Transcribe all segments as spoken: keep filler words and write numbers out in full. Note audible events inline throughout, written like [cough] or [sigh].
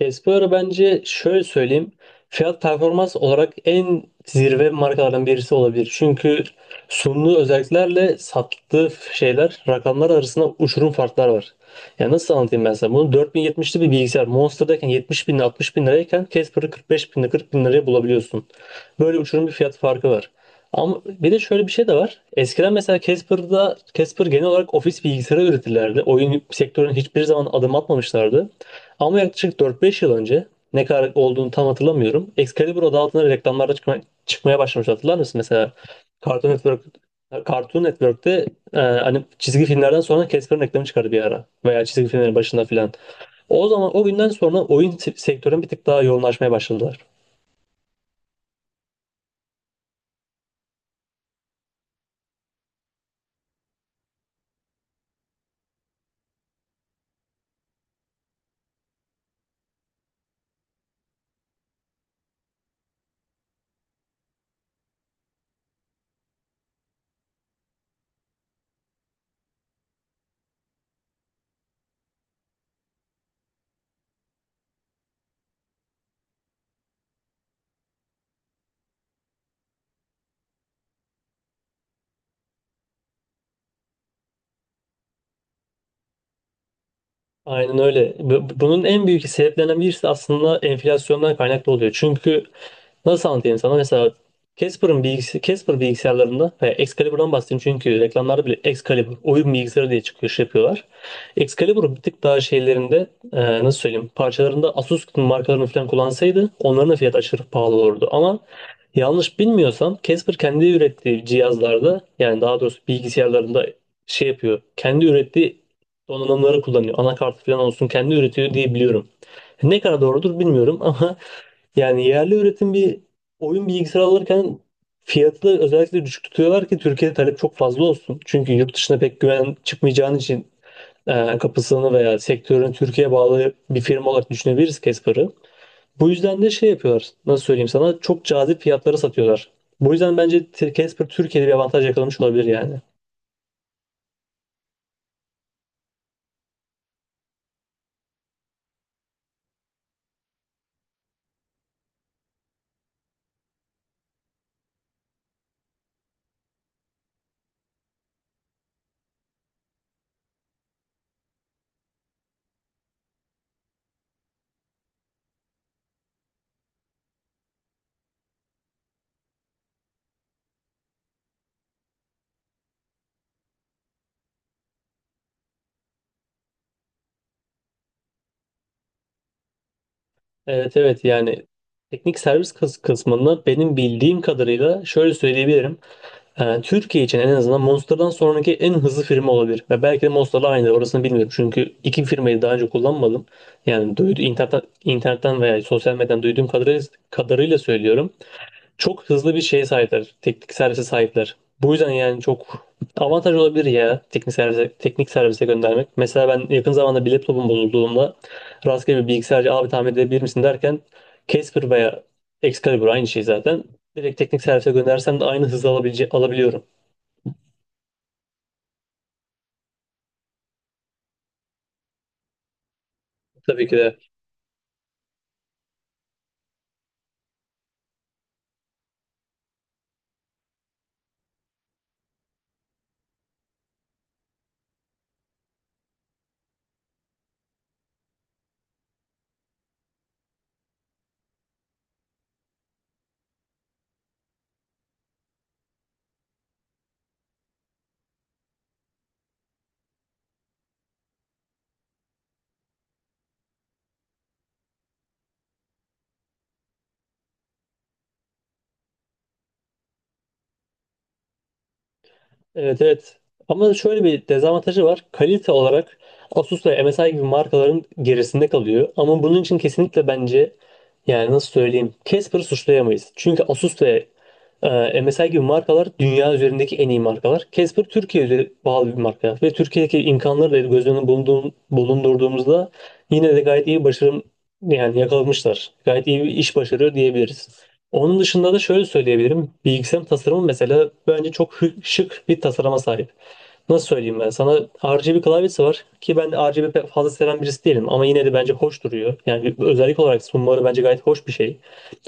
Casper bence şöyle söyleyeyim. Fiyat performans olarak en zirve markalardan birisi olabilir. Çünkü sunduğu özelliklerle sattığı şeyler rakamlar arasında uçurum farklar var. Ya nasıl anlatayım ben sana? Bunu dört bin yetmişli bir bilgisayar Monster'dayken yetmiş bin altmış bin lirayken Casper'ı kırk beş bin kırk bin liraya bulabiliyorsun. Böyle uçurum bir fiyat farkı var. Ama bir de şöyle bir şey de var. Eskiden mesela Casper'da Casper genel olarak ofis bilgisayarı üretirlerdi. Oyun sektörüne hiçbir zaman adım atmamışlardı. Ama yaklaşık dört beş yıl önce ne kadar olduğunu tam hatırlamıyorum. Excalibur adı altında reklamlarda çıkma- çıkmaya başlamış hatırlar mısın? Mesela Cartoon Network Cartoon Network'te e, hani çizgi filmlerden sonra Casper'ın reklamı çıkardı bir ara. Veya çizgi filmlerin başında filan. O zaman o günden sonra oyun se- sektörüne bir tık daha yoğunlaşmaya başladılar. Aynen öyle. Bu- Bunun en büyük sebeplerinden birisi aslında enflasyondan kaynaklı oluyor. Çünkü nasıl anlatayım sana? Mesela Casper'ın bilgisi, Casper bilgisayarlarında veya Excalibur'dan bahsedeyim çünkü reklamlarda bile Excalibur oyun bilgisayarı diye çıkıyor şey yapıyorlar. Excalibur'un bir tık daha şeylerinde e, nasıl söyleyeyim parçalarında Asus markalarını falan kullansaydı onların da fiyatı aşırı pahalı olurdu. Ama yanlış bilmiyorsam Casper kendi ürettiği cihazlarda yani daha doğrusu bilgisayarlarında şey yapıyor. Kendi ürettiği donanımları kullanıyor. Anakart falan olsun kendi üretiyor diye biliyorum. Ne kadar doğrudur bilmiyorum ama [laughs] yani yerli üretim bir oyun bilgisayarı alırken fiyatı da özellikle düşük tutuyorlar ki Türkiye'de talep çok fazla olsun. Çünkü yurt dışına pek güven çıkmayacağın için e, kapısını veya sektörün Türkiye'ye bağlı bir firma olarak düşünebiliriz Casper'ı. Bu yüzden de şey yapıyorlar. Nasıl söyleyeyim sana? Çok cazip fiyatlara satıyorlar. Bu yüzden bence Casper Türkiye'de bir avantaj yakalamış olabilir yani. Evet evet yani teknik servis kıs kısmında benim bildiğim kadarıyla şöyle söyleyebilirim. Ee, Türkiye için en azından Monster'dan sonraki en hızlı firma olabilir. Ve belki de Monster'la aynıdır orasını bilmiyorum. Çünkü iki firmayı daha önce kullanmadım. Yani duydu, internetten, internetten veya sosyal medyadan duyduğum kadarıyla, kadarıyla söylüyorum. Çok hızlı bir şeye sahipler. Teknik servise sahipler. Bu yüzden yani çok avantaj olabilir ya teknik servise, teknik servise göndermek. Mesela ben yakın zamanda bir laptopum bozulduğumda rastgele bir bilgisayarcı abi tamir edebilir misin derken Casper veya Excalibur aynı şey zaten. Direkt teknik servise göndersem de aynı hızı alabilece- alabiliyorum. Tabii ki de. Evet evet. Ama şöyle bir dezavantajı var. Kalite olarak Asus ve M S I gibi markaların gerisinde kalıyor. Ama bunun için kesinlikle bence yani nasıl söyleyeyim Casper'ı suçlayamayız. Çünkü Asus ve e, M S I gibi markalar dünya üzerindeki en iyi markalar. Casper Türkiye Türkiye'ye bağlı bir marka ve Türkiye'deki imkanları da göz önüne bulunduğum- bulundurduğumuzda yine de gayet iyi başarım yani yakalamışlar. Gayet iyi bir iş başarıyor diyebiliriz. Onun dışında da şöyle söyleyebilirim. Bilgisayarın tasarımı mesela bence çok hı- şık bir tasarıma sahip. Nasıl söyleyeyim ben sana? R G B klavyesi var ki ben R G B pek fazla seven birisi değilim ama yine de bence hoş duruyor. Yani bir özellik olarak sunmaları bence gayet hoş bir şey.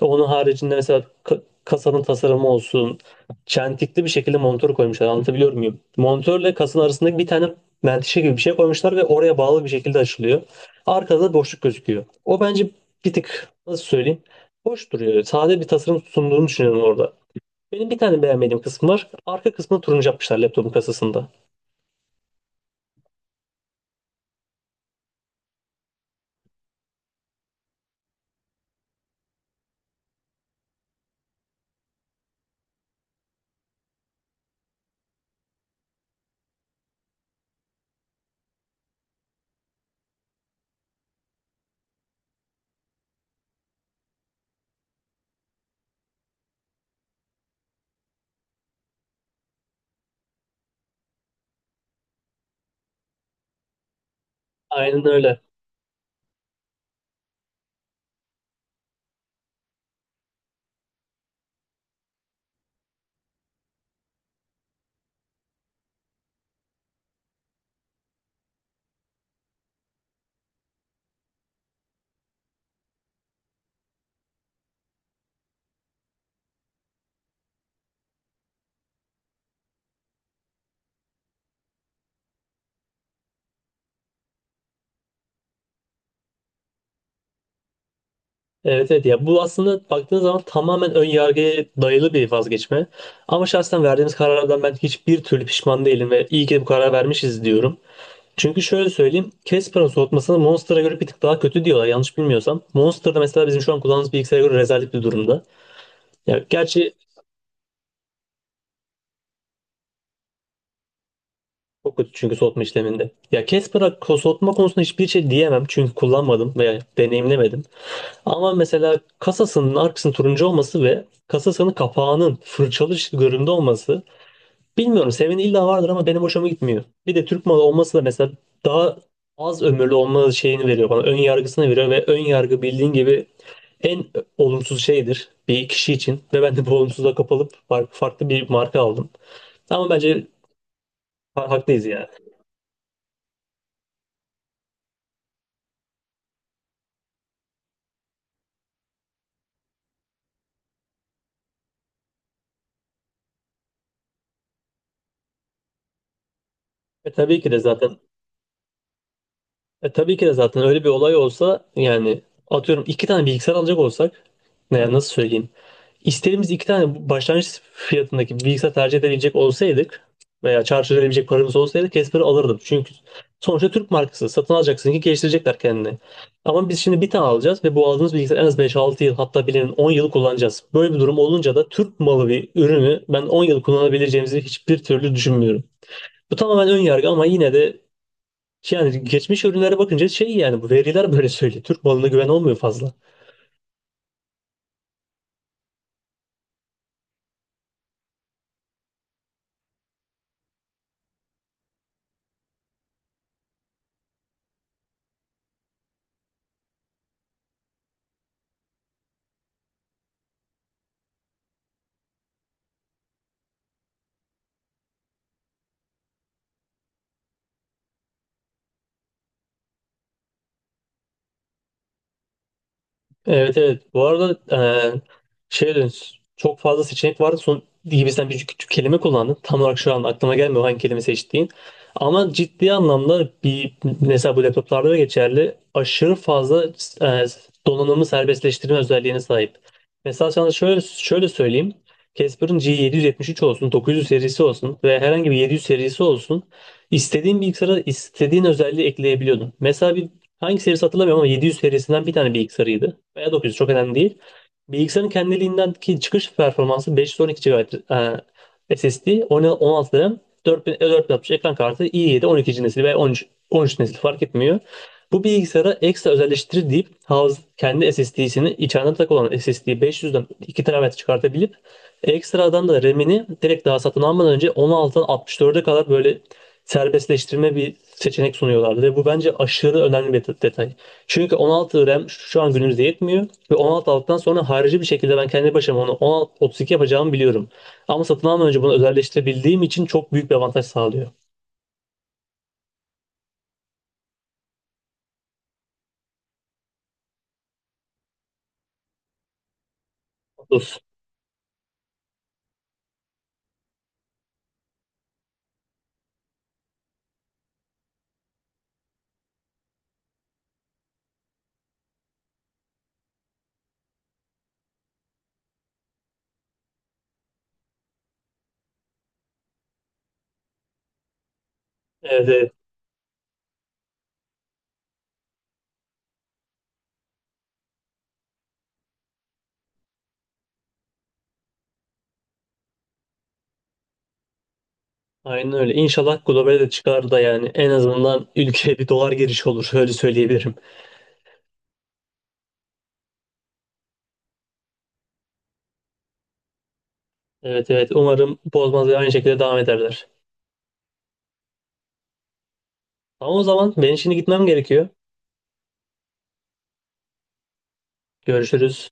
Onun haricinde mesela ka- kasanın tasarımı olsun, çentikli bir şekilde monitör koymuşlar. Anlatabiliyor muyum? Monitörle kasanın arasındaki bir tane menteşe gibi bir şey koymuşlar ve oraya bağlı bir şekilde açılıyor. Arkada da boşluk gözüküyor. O bence bir tık nasıl söyleyeyim? Hoş duruyor. Sade bir tasarım sunduğunu düşünüyorum orada. Benim bir tane beğenmediğim kısım var. Arka kısmını turuncu yapmışlar laptopun kasasında. Aynen öyle. Evet evet ya bu aslında baktığınız zaman tamamen ön yargıya dayalı bir vazgeçme. Ama şahsen verdiğimiz karardan ben hiçbir türlü pişman değilim ve iyi ki de bu karar vermişiz diyorum. Çünkü şöyle söyleyeyim, Casper'ın soğutmasını Monster'a göre bir tık daha kötü diyorlar yanlış bilmiyorsam. Monster'da mesela bizim şu an kullandığımız bilgisayara göre rezalet bir durumda. Ya gerçi. Çok kötü çünkü soğutma işleminde. Ya Casper'a ko- soğutma konusunda hiçbir şey diyemem çünkü kullanmadım veya deneyimlemedim. Ama mesela kasasının arkasının turuncu olması ve kasasının kapağının fırçalı göründe olması bilmiyorum senin illa vardır ama benim hoşuma gitmiyor. Bir de Türk malı olması da mesela daha az ömürlü olma şeyini veriyor bana. Ön yargısını veriyor ve ön yargı bildiğin gibi en olumsuz şeydir bir kişi için ve ben de bu olumsuzluğa kapılıp farklı bir marka aldım. Ama bence ha- haklıyız ya. E tabii ki de zaten E, tabii ki de zaten öyle bir olay olsa yani atıyorum iki tane bilgisayar alacak olsak ne, yani nasıl söyleyeyim? İstediğimiz iki tane başlangıç fiyatındaki bir bilgisayar tercih edebilecek olsaydık veya çarçur edebilecek paramız olsaydı Casper'ı alırdım. Çünkü sonuçta Türk markası satın alacaksın ki geliştirecekler kendini. Ama biz şimdi bir tane alacağız ve bu aldığımız bilgisayar en az beş altı yıl hatta bilenin on yıl kullanacağız. Böyle bir durum olunca da Türk malı bir ürünü ben on yıl kullanabileceğimizi hiçbir türlü düşünmüyorum. Bu tamamen ön yargı ama yine de şey. Yani geçmiş ürünlere bakınca şey yani bu veriler böyle söylüyor. Türk malına güven olmuyor fazla. Evet evet. Bu arada e, şey dedin, çok fazla seçenek vardı. Son gibi sen bir küçük kelime kullandın. Tam olarak şu an aklıma gelmiyor hangi kelime seçtiğin. Ama ciddi anlamda bir mesela bu laptoplarda da geçerli. Aşırı fazla e, donanımı serbestleştirme özelliğine sahip. Mesela sana şöyle şöyle söyleyeyim. Casper'ın G yedi yüz yetmiş üç olsun, dokuz yüz serisi olsun ve herhangi bir yedi yüz serisi olsun. İstediğin bilgisayara istediğin özelliği ekleyebiliyordun. Mesela bir hangi serisi hatırlamıyorum ama yedi yüz serisinden bir tane bilgisayarıydı. Veya dokuz yüz çok önemli değil. Bilgisayarın kendiliğindeki çıkış performansı beş yüz on iki gigabayt e, S S D, on altı RAM, dört bin e, kırk altmış ekran kartı, i yedi on ikinci nesil veya on üç, on üç nesil fark etmiyor. Bu bilgisayara ekstra özelleştirir deyip Havz kendi S S D'sini içeride tak olan S S D beş yüzden iki terabayt çıkartabilip ekstradan da RAM'ini direkt daha satın almadan önce on altıdan altmış dörde kadar böyle serbestleştirme bir seçenek sunuyorlardı ve bu bence aşırı önemli bir detay. Çünkü on altı RAM şu an günümüzde yetmiyor ve on altı aldıktan sonra harici bir şekilde ben kendi başıma onu on altı, otuz iki yapacağımı biliyorum. Ama satın almadan önce bunu özelleştirebildiğim için çok büyük bir avantaj sağlıyor. otuz. Evet, evet. Aynen öyle. İnşallah globale de çıkar da yani en azından ülkeye bir dolar girişi olur. [laughs] Öyle söyleyebilirim. Evet evet. Umarım bozmaz ve aynı şekilde devam ederler. Ama o zaman ben şimdi gitmem gerekiyor. Görüşürüz.